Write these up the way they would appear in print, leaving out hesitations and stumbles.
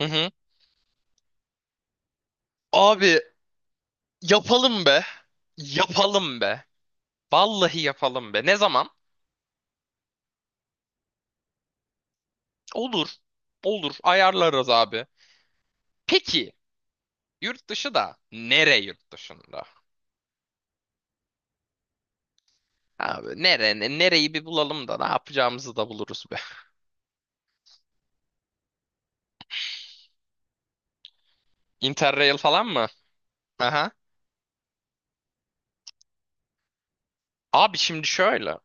Hı hı. Abi yapalım be. Yapalım be. Vallahi yapalım be. Ne zaman? Olur. Olur. Ayarlarız abi. Peki, yurt dışı da yurt dışında? Abi, nereyi bir bulalım da ne yapacağımızı da buluruz be. Interrail falan mı? Aha. Abi şimdi şöyle.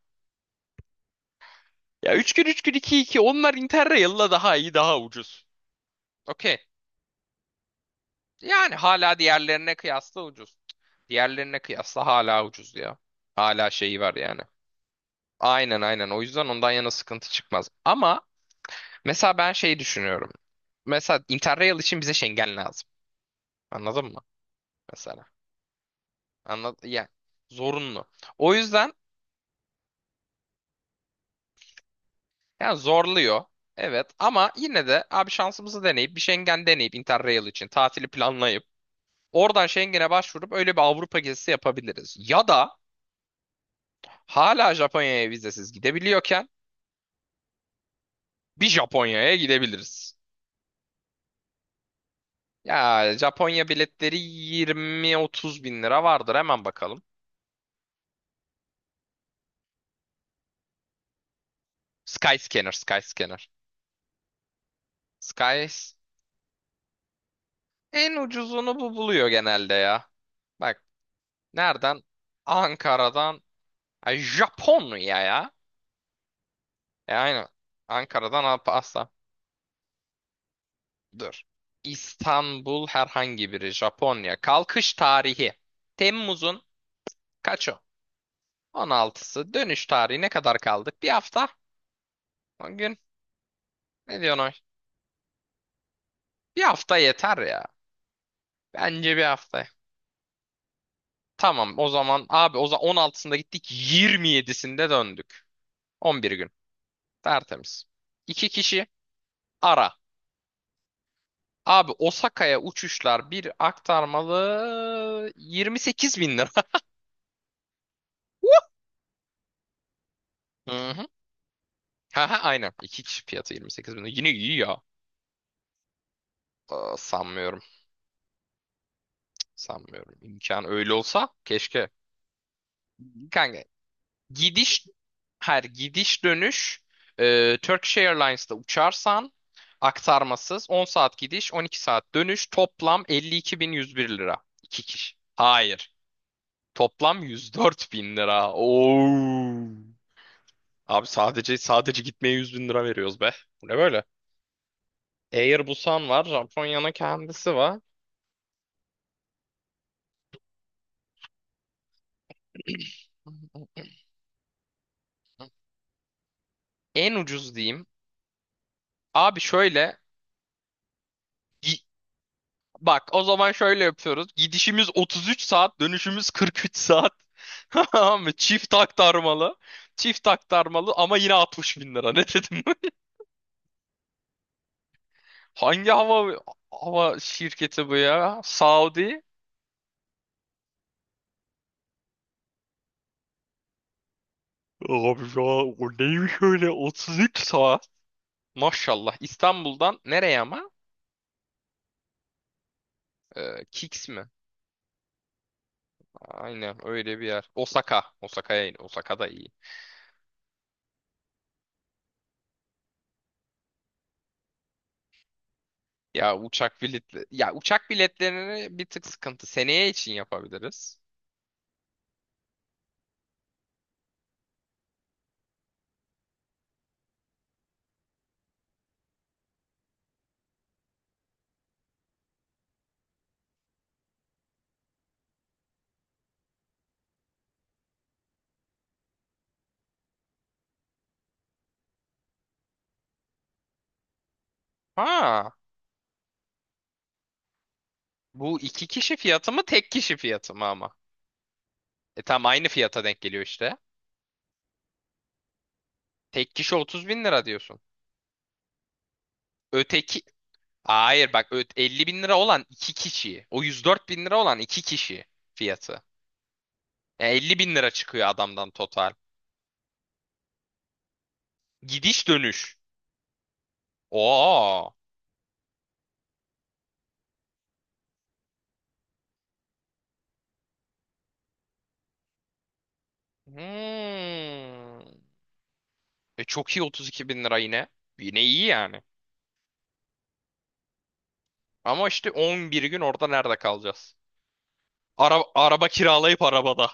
Ya 3 gün 3 gün 2 2, onlar Interrail'la daha iyi, daha ucuz. Okey. Yani hala diğerlerine kıyasla ucuz. Diğerlerine kıyasla hala ucuz ya. Hala şeyi var yani. Aynen aynen. O yüzden ondan yana sıkıntı çıkmaz. Ama mesela ben şey düşünüyorum. Mesela Interrail için bize Schengen lazım. Anladın mı? Mesela. Yani zorunlu. O yüzden yani zorluyor. Evet, ama yine de abi şansımızı deneyip bir Schengen deneyip Interrail için tatili planlayıp oradan Schengen'e başvurup öyle bir Avrupa gezisi yapabiliriz. Ya da hala Japonya'ya vizesiz gidebiliyorken bir Japonya'ya gidebiliriz. Ya Japonya biletleri 20-30 bin lira vardır. Hemen bakalım. Skyscanner, Skyscanner. Skys En ucuzunu bu buluyor genelde ya. Bak, nereden? Ankara'dan. Ay, Japonya ya. E aynen. Ankara'dan asla. Dur. İstanbul herhangi biri. Japonya. Kalkış tarihi. Temmuz'un kaçı? 16'sı. Dönüş tarihi ne kadar kaldık? Bir hafta. 10 gün. Ne diyorsun o? Bir hafta yeter ya. Bence bir hafta. Tamam, o zaman abi, o zaman 16'sında gittik, 27'sinde döndük. 11 gün. Tertemiz. İki kişi ara. Abi, Osaka'ya uçuşlar bir aktarmalı, 28 bin lira. Hı hı. Ha, aynen. İki kişi fiyatı 28 bin lira. Yine iyi ya. Aa, sanmıyorum. Sanmıyorum. İmkan öyle olsa keşke. Kanka, Gidiş her gidiş dönüş, Turkish Airlines'ta uçarsan aktarmasız 10 saat gidiş, 12 saat dönüş, toplam 52.101 lira. İki kişi. Hayır. Toplam 104 bin lira. Oo. Abi, sadece gitmeye 100 bin lira veriyoruz be. Bu ne böyle? Air Busan var. Japonya'nın kendisi var. En ucuz diyeyim. Abi şöyle Bak, o zaman şöyle yapıyoruz. Gidişimiz 33 saat, dönüşümüz 43 saat. Tamam mı? Çift aktarmalı. Çift aktarmalı ama yine 60 bin lira. Ne dedim? Hangi hava şirketi bu ya? Saudi? Abi, ya o neymiş öyle 33 saat? Maşallah. İstanbul'dan nereye ama? Kix mi? Aynen, öyle bir yer. Osaka. Osaka'ya in. Osaka da iyi. Uçak biletlerini bir tık sıkıntı. Seneye için yapabiliriz. Ha, bu iki kişi fiyatı mı, tek kişi fiyatı mı ama? E tam aynı fiyata denk geliyor işte. Tek kişi 30 bin lira diyorsun. Öteki... Hayır, bak, 50 bin lira olan iki kişi. O 104 bin lira olan iki kişi fiyatı. Yani 50 bin lira çıkıyor adamdan total. Gidiş dönüş. Oo. Hmm. E çok iyi, 32 bin lira yine. Yine iyi yani. Ama işte 11 gün orada nerede kalacağız? Araba kiralayıp arabada.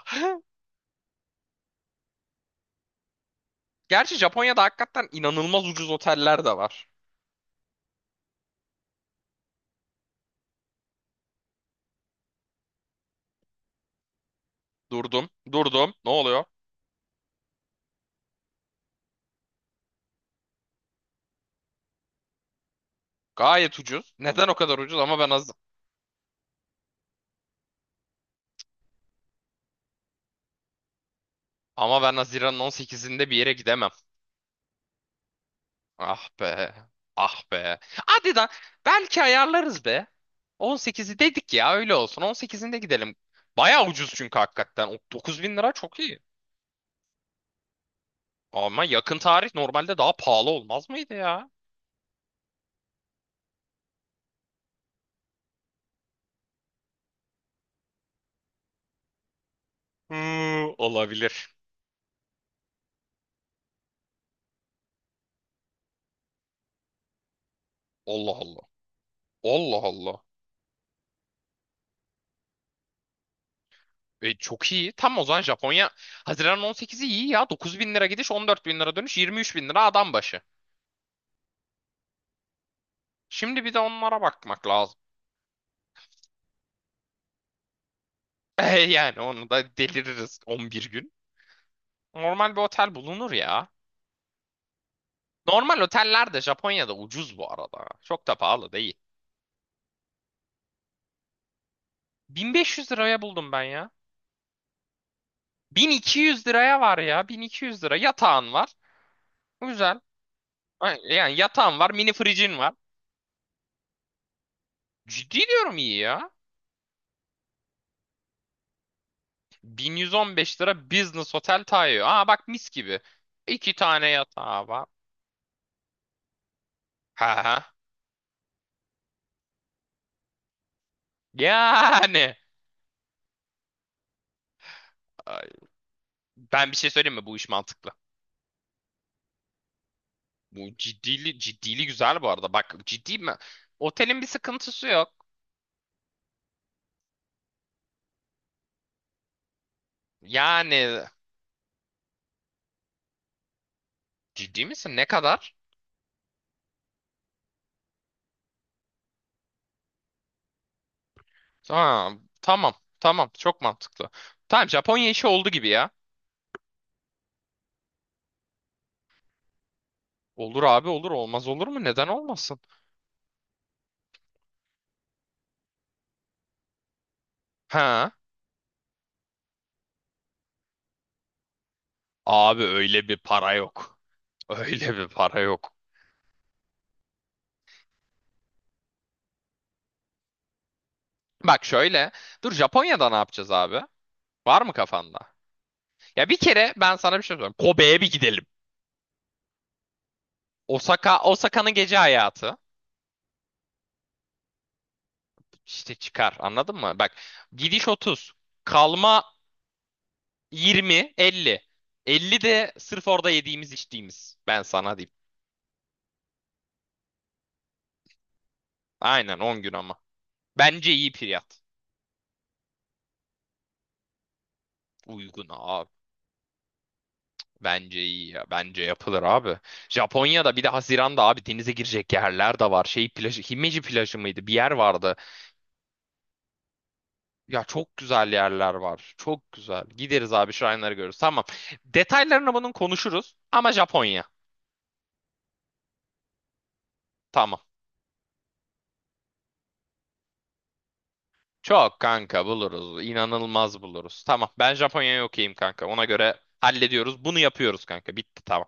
Gerçi Japonya'da hakikaten inanılmaz ucuz oteller de var. Durdum, durdum. Ne oluyor? Gayet ucuz. Neden o kadar ucuz? Ama ben Haziran'ın 18'inde bir yere gidemem. Ah be. Ah be. Hadi da belki ayarlarız be. 18'i dedik ya, öyle olsun. 18'inde gidelim. Baya ucuz çünkü hakikaten. O 9 bin lira çok iyi. Ama yakın tarih normalde daha pahalı olmaz mıydı ya? Hı, olabilir. Allah Allah. Allah Allah. E, çok iyi. Tam o zaman Japonya Haziran 18'i iyi ya. 9 bin lira gidiş, 14 bin lira dönüş, 23 bin lira adam başı. Şimdi bir de onlara bakmak lazım. E, yani onu da deliririz 11 gün. Normal bir otel bulunur ya. Normal oteller de Japonya'da ucuz bu arada. Çok da pahalı değil. 1500 liraya buldum ben ya. 1200 liraya var ya. 1200 lira. Yatağın var. Güzel. Ay, yani yatağın var. Mini fricin var. Ciddi diyorum, iyi ya. 1115 lira Business Hotel Taiyo. Aa, bak, mis gibi. İki tane yatağı var. Ha ha. Yani. Ay, ben bir şey söyleyeyim mi? Bu iş mantıklı. Bu ciddili güzel bu arada. Bak, ciddi mi? Otelin bir sıkıntısı yok. Yani, ciddi misin? Ne kadar? Ha, tamam. Tamam. Çok mantıklı. Tamam, Japonya işi oldu gibi ya. Olur abi, olur. Olmaz olur mu? Neden olmasın? Ha. Abi, öyle bir para yok. Öyle bir para yok. Bak şöyle. Dur, Japonya'da ne yapacağız abi? Var mı kafanda? Ya bir kere ben sana bir şey söyleyeyim. Kobe'ye bir gidelim. Osaka'nın gece hayatı. İşte çıkar, anladın mı? Bak, gidiş 30. Kalma 20, 50. 50 de sırf orada yediğimiz içtiğimiz. Ben sana diyeyim. Aynen, 10 gün ama. Bence iyi fiyat. Uygun abi. Bence iyi ya. Bence yapılır abi. Japonya'da bir de Haziran'da abi denize girecek yerler de var. Şey plajı, Himeji plajı mıydı? Bir yer vardı. Ya çok güzel yerler var. Çok güzel. Gideriz abi, şuraları görürüz. Tamam. Detaylarını bunun konuşuruz. Ama Japonya. Tamam. Çok kanka buluruz. İnanılmaz buluruz. Tamam. Ben Japonya'ya okeyim kanka. Ona göre hallediyoruz. Bunu yapıyoruz kanka. Bitti tamam.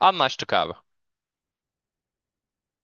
Anlaştık abi.